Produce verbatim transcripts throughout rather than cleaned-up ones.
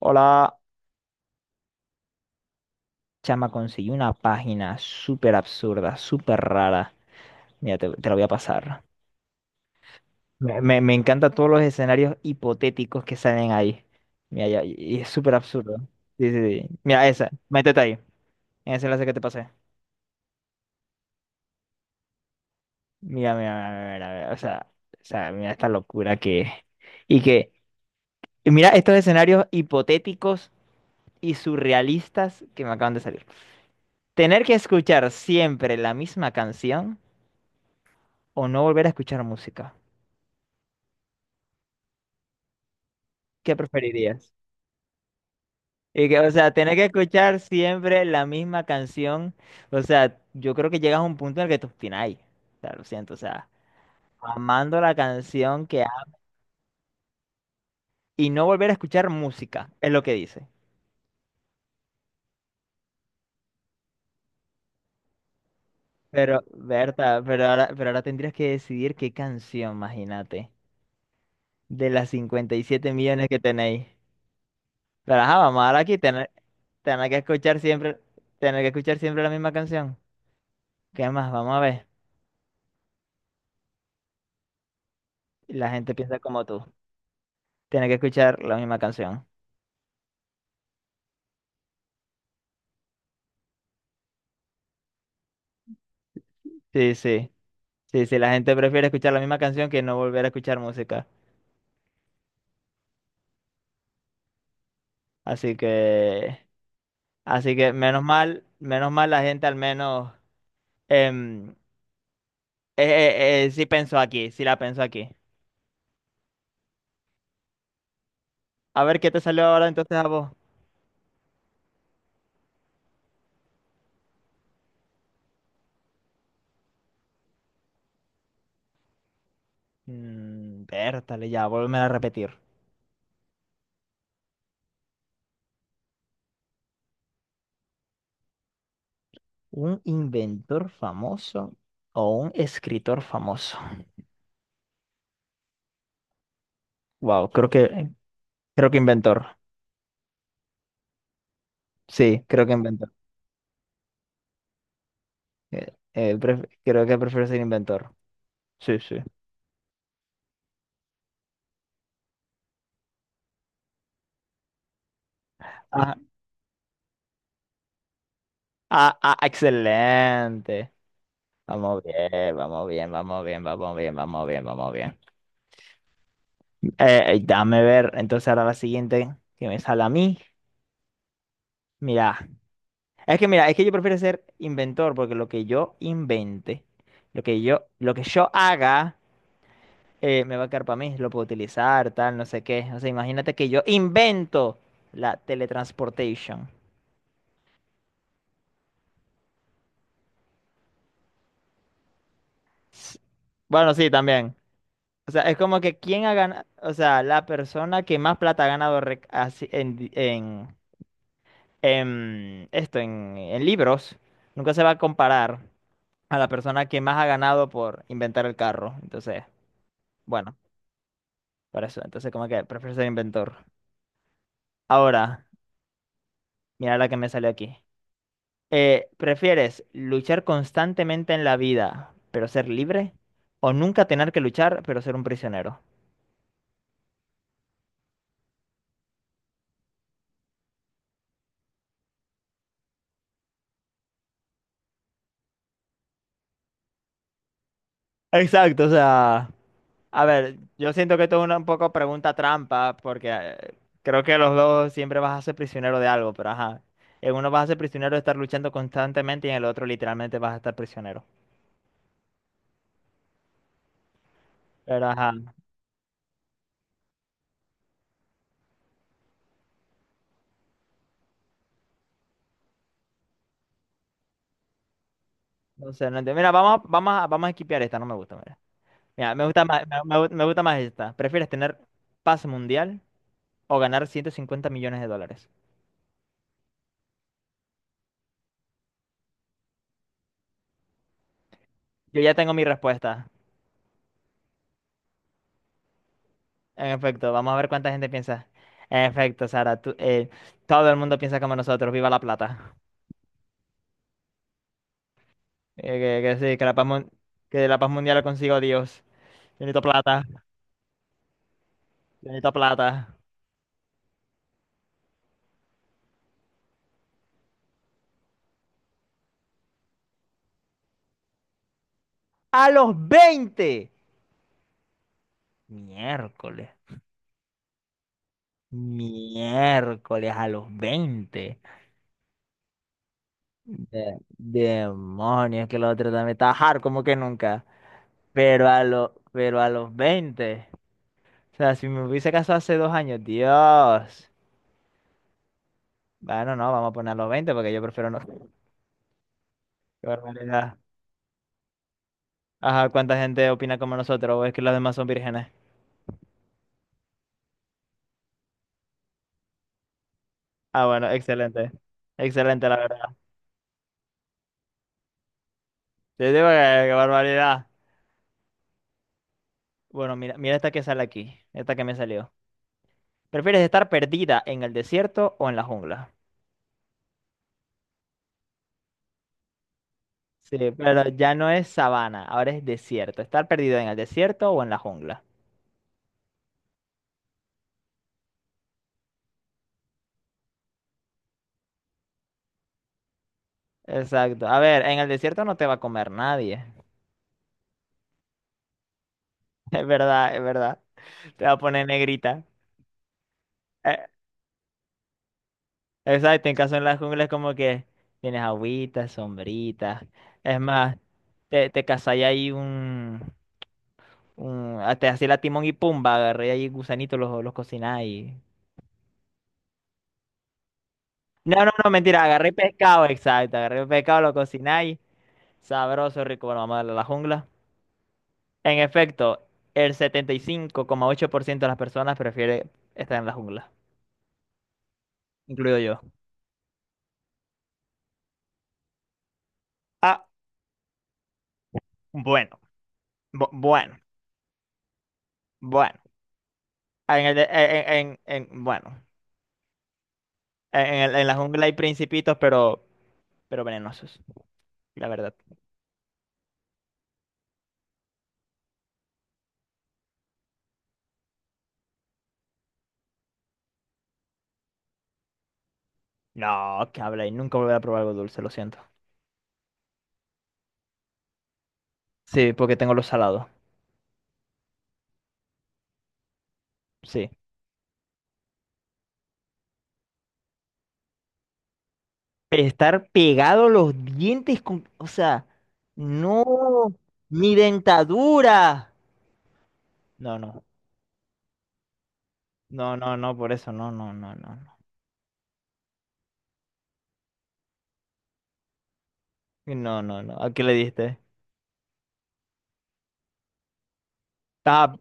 Hola, chama, conseguí una página súper absurda, súper rara. Mira, te, te la voy a pasar. Me, me, me encantan todos los escenarios hipotéticos que salen ahí. Mira, ya- y es súper absurdo. Sí, sí, sí. Mira, esa, métete ahí, en ese enlace que te pasé. Mira, mira, mira, mira, mira, o sea, o sea, mira esta locura que... Y que, y mira estos escenarios hipotéticos y surrealistas que me acaban de salir. Tener que escuchar siempre la misma canción o no volver a escuchar música. ¿Qué preferirías? Y que, o sea, tener que escuchar siempre la misma canción. O sea, yo creo que llegas a un punto en el que te obstináis. O sea, lo siento, o sea, amando la canción que ha... y no volver a escuchar música, es lo que dice. Pero, Berta, pero ahora, pero ahora tendrías que decidir qué canción, imagínate, de las cincuenta y siete millones que tenéis. Pero ajá, vamos ahora aquí, tener, tener que escuchar siempre, tener que escuchar siempre la misma canción. ¿Qué más? Vamos a ver. La gente piensa como tú. Tiene que escuchar la misma canción. Sí, sí. Sí, sí, la gente prefiere escuchar la misma canción que no volver a escuchar música. Así que, así que menos mal, menos mal la gente al menos em, eh, eh, eh, sí pensó aquí, sí la pensó aquí. A ver, ¿qué te salió ahora entonces a vos? Mm, vértale ya, vuélveme a repetir. ¿Un inventor famoso o un escritor famoso? Wow, creo que, creo que inventor. Sí, creo que inventor. Eh, eh, pref- creo que prefiero ser inventor. Sí, sí. Ah, ah, ah, excelente. Vamos bien, vamos bien, vamos bien, vamos bien, vamos bien, vamos bien. Eh, eh, dame ver, entonces ahora la siguiente que me sale a mí. Mira, es que mira, es que yo prefiero ser inventor porque lo que yo invente, lo que yo, lo que yo haga, eh, me va a quedar para mí, lo puedo utilizar, tal, no sé qué. O sea, imagínate que yo invento la teletransportation. S- Bueno, sí, también. O sea, es como que quién ha ganado, o sea, la persona que más plata ha ganado rec- así en, di- en, en esto, en, en libros, nunca se va a comparar a la persona que más ha ganado por inventar el carro. Entonces, bueno, por eso. Entonces, como que prefiero ser inventor. Ahora, mira la que me salió aquí. Eh, ¿prefieres luchar constantemente en la vida, pero ser libre? ¿O nunca tener que luchar, pero ser un prisionero? Exacto, o sea. A ver, yo siento que esto es una un poco pregunta trampa, porque eh, creo que los dos siempre vas a ser prisionero de algo, pero ajá. En uno vas a ser prisionero de estar luchando constantemente y en el otro literalmente vas a estar prisionero. Pero ajá, no sé, no entiendo. Mira, vamos, a- vamos, a- vamos a esquipear esta, no me gusta, mira. Mira, me gusta más, me, me gu- me gusta más esta. ¿Prefieres tener paz mundial o ganar ciento cincuenta millones de dólares? Yo ya tengo mi respuesta. En efecto, vamos a ver cuánta gente piensa. En efecto, Sara, tú- eh, todo el mundo piensa como nosotros. Viva la plata. Eh, que, que sí, que la paz, mun- que la paz mundial la consigo Dios. Yo necesito plata, yo necesito plata. ¡A los veinte Miércoles. Miércoles a los veinte De- demonios, que la otra también está hard como que nunca. Pero a, lo, pero a los veinte O sea, si me hubiese casado hace dos años, Dios. Bueno, no, vamos a poner a los veinte porque yo prefiero no. Qué barbaridad. Ajá, ¿cuánta gente opina como nosotros? ¿O es que los demás son vírgenes? Ah, bueno, excelente. Excelente, la verdad. Te digo que qué barbaridad. Bueno, mira, mira esta que sale aquí. Esta que me salió. ¿Prefieres estar perdida en el desierto o en la jungla? Sí, pero ya no es sabana, ahora es desierto. ¿Estar perdido en el desierto o en la jungla? Exacto. A ver, en el desierto no te va a comer nadie. Es verdad, es verdad. Te va a poner negrita. Eh, exacto, en caso en la jungla es como que tienes agüitas, sombritas. Es más, te, te cazai ahí un, Mm, hasta así la Timón y Pumba, agarré ahí gusanitos, los, los cocináis. No, no, no, mentira, agarré pescado, exacto, agarré pescado, lo cocináis. Sabroso, rico, bueno, vamos a darle a la jungla. En efecto, el setenta y cinco coma ocho por ciento de las personas prefiere estar en la jungla, incluido yo. Ah, bueno, bu- bueno, bueno. En el de- en, en- en- bueno, en, en el- en la jungla hay principitos, pero, pero venenosos, la verdad. No, que habla y nunca volveré a probar algo dulce, lo siento. Sí, porque tengo los salados. Sí. Estar pegado los dientes con... O sea, no, mi dentadura. No, no, no, no, no, por eso, no, no, no, no, no. No, no, no. ¿A qué le diste? Ah,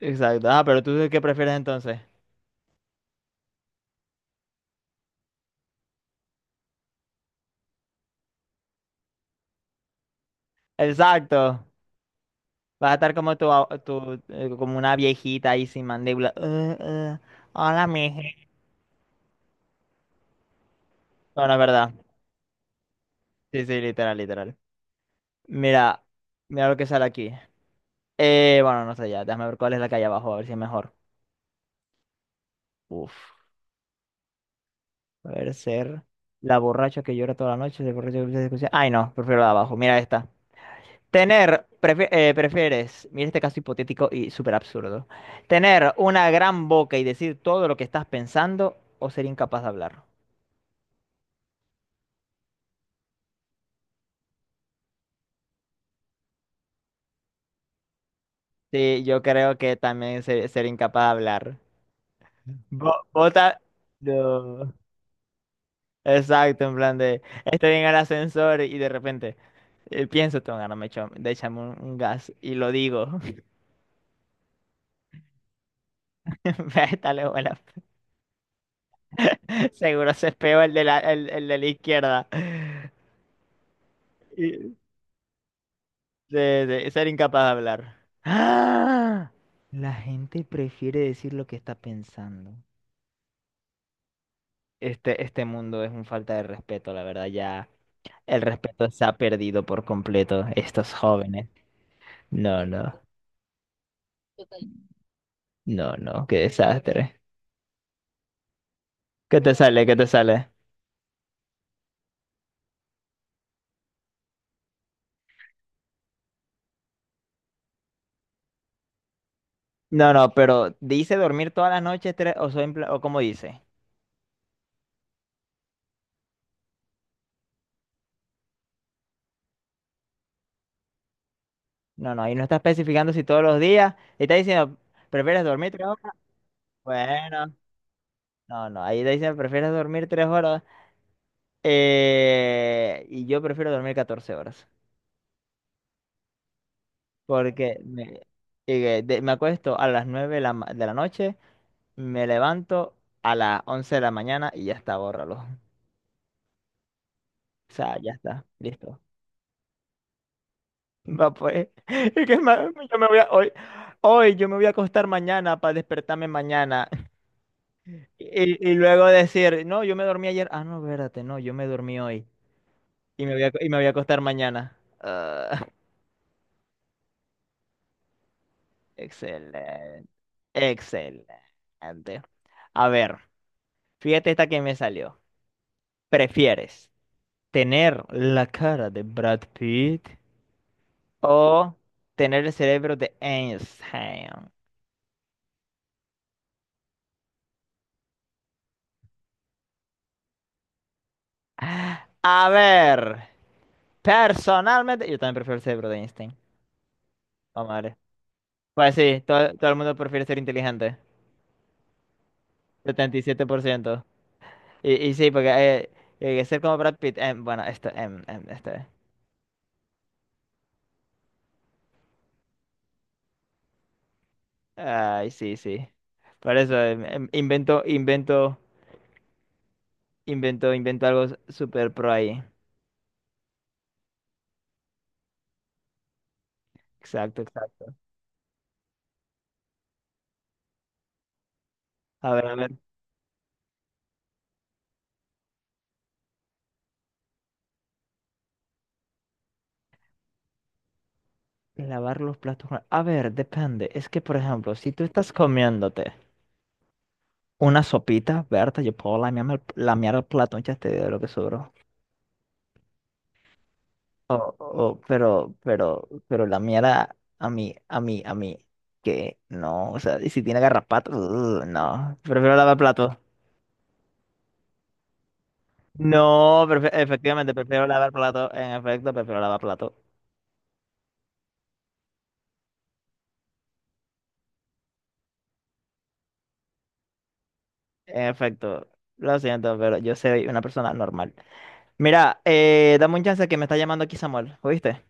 exacto. Ah, pero tú qué prefieres entonces. Exacto. Vas a estar como tu, a- tu, eh, como una viejita ahí sin mandíbula. Eh, eh, hola, mija. No, no, es verdad. Sí, sí, literal, literal. Mira, mira lo que sale aquí. Eh, bueno, no sé ya. Déjame ver cuál es la que hay abajo, a ver si es mejor. Uf. Poder ser la borracha que llora toda la noche, el borracho que empieza a Ay, no, prefiero la de abajo. Mira esta. Tener, prefi- eh, prefieres, mira este caso hipotético y súper absurdo. Tener una gran boca y decir todo lo que estás pensando o ser incapaz de hablar. Sí, yo creo que también ser, ser incapaz de hablar. Bo- Bota. No. Exacto, en plan de. Estoy en el ascensor y de repente. eh, pienso, tengo ganas, me echo, de echarme un, un gas y lo digo. Está Seguro se espeó el de la, el, el de la izquierda. Y De, de ser incapaz de hablar. ¡Ah! La gente prefiere decir lo que está pensando. Este, este mundo es un falta de respeto, la verdad. Ya el respeto se ha perdido por completo. Estos jóvenes. No, no, no, no. Qué desastre. ¿Qué te sale? ¿Qué te sale? No, no, pero ¿dice dormir toda la noche tres- o, soy empla- o cómo dice? No, no, ahí no está especificando si todos los días. Está diciendo, ¿prefieres dormir tres Bueno, no, no, ahí dicen, ¿prefieres dormir tres horas? Eh, y yo prefiero dormir catorce horas, porque me, eh, de- me acuesto a las nueve de la, ma- de la noche, me levanto a las once de la mañana y ya está, bórralo. O sea, ya está, listo. Va pues, es que ma- yo me voy a, hoy, hoy yo me voy a acostar mañana para despertarme mañana y, y luego decir, no, yo me dormí ayer, ah, no, espérate, no, yo me dormí hoy y me voy a, y me voy a acostar mañana. Ah. Excelente. Excelente. A ver, fíjate esta que me salió. ¿Prefieres tener la cara de Brad Pitt o tener el cerebro de Einstein? A ver, personalmente, yo también prefiero el cerebro de Einstein. Vamos a ver. Pues sí, todo, todo el mundo prefiere ser inteligente. setenta y siete por ciento. Y, siete por ciento. Y y sí, porque eh, eh, ser como Brad Pitt, em, bueno, esto, em, em, esto. Ay, sí, sí. Por eso em, em, invento, invento, invento, invento algo s- super pro ahí. Exacto, exacto. A ver, a ver. Lavar los platos. Con- A ver, depende. Es que, por ejemplo, si tú estás comiéndote una sopita, Berta, yo puedo lamearme el, lamear el plato, ya te digo lo que sobró. O, o, pero, pero, pero lamear a, a mí, a mí, a mí, que no. O sea, y si tiene garrapatas, ugh, no. Prefiero lavar platos. No, prefe- efectivamente, prefiero lavar plato. En efecto, prefiero lavar plato. En efecto, lo siento, pero yo soy una persona normal. Mira, eh, dame un chance que me está llamando aquí Samuel, ¿oíste?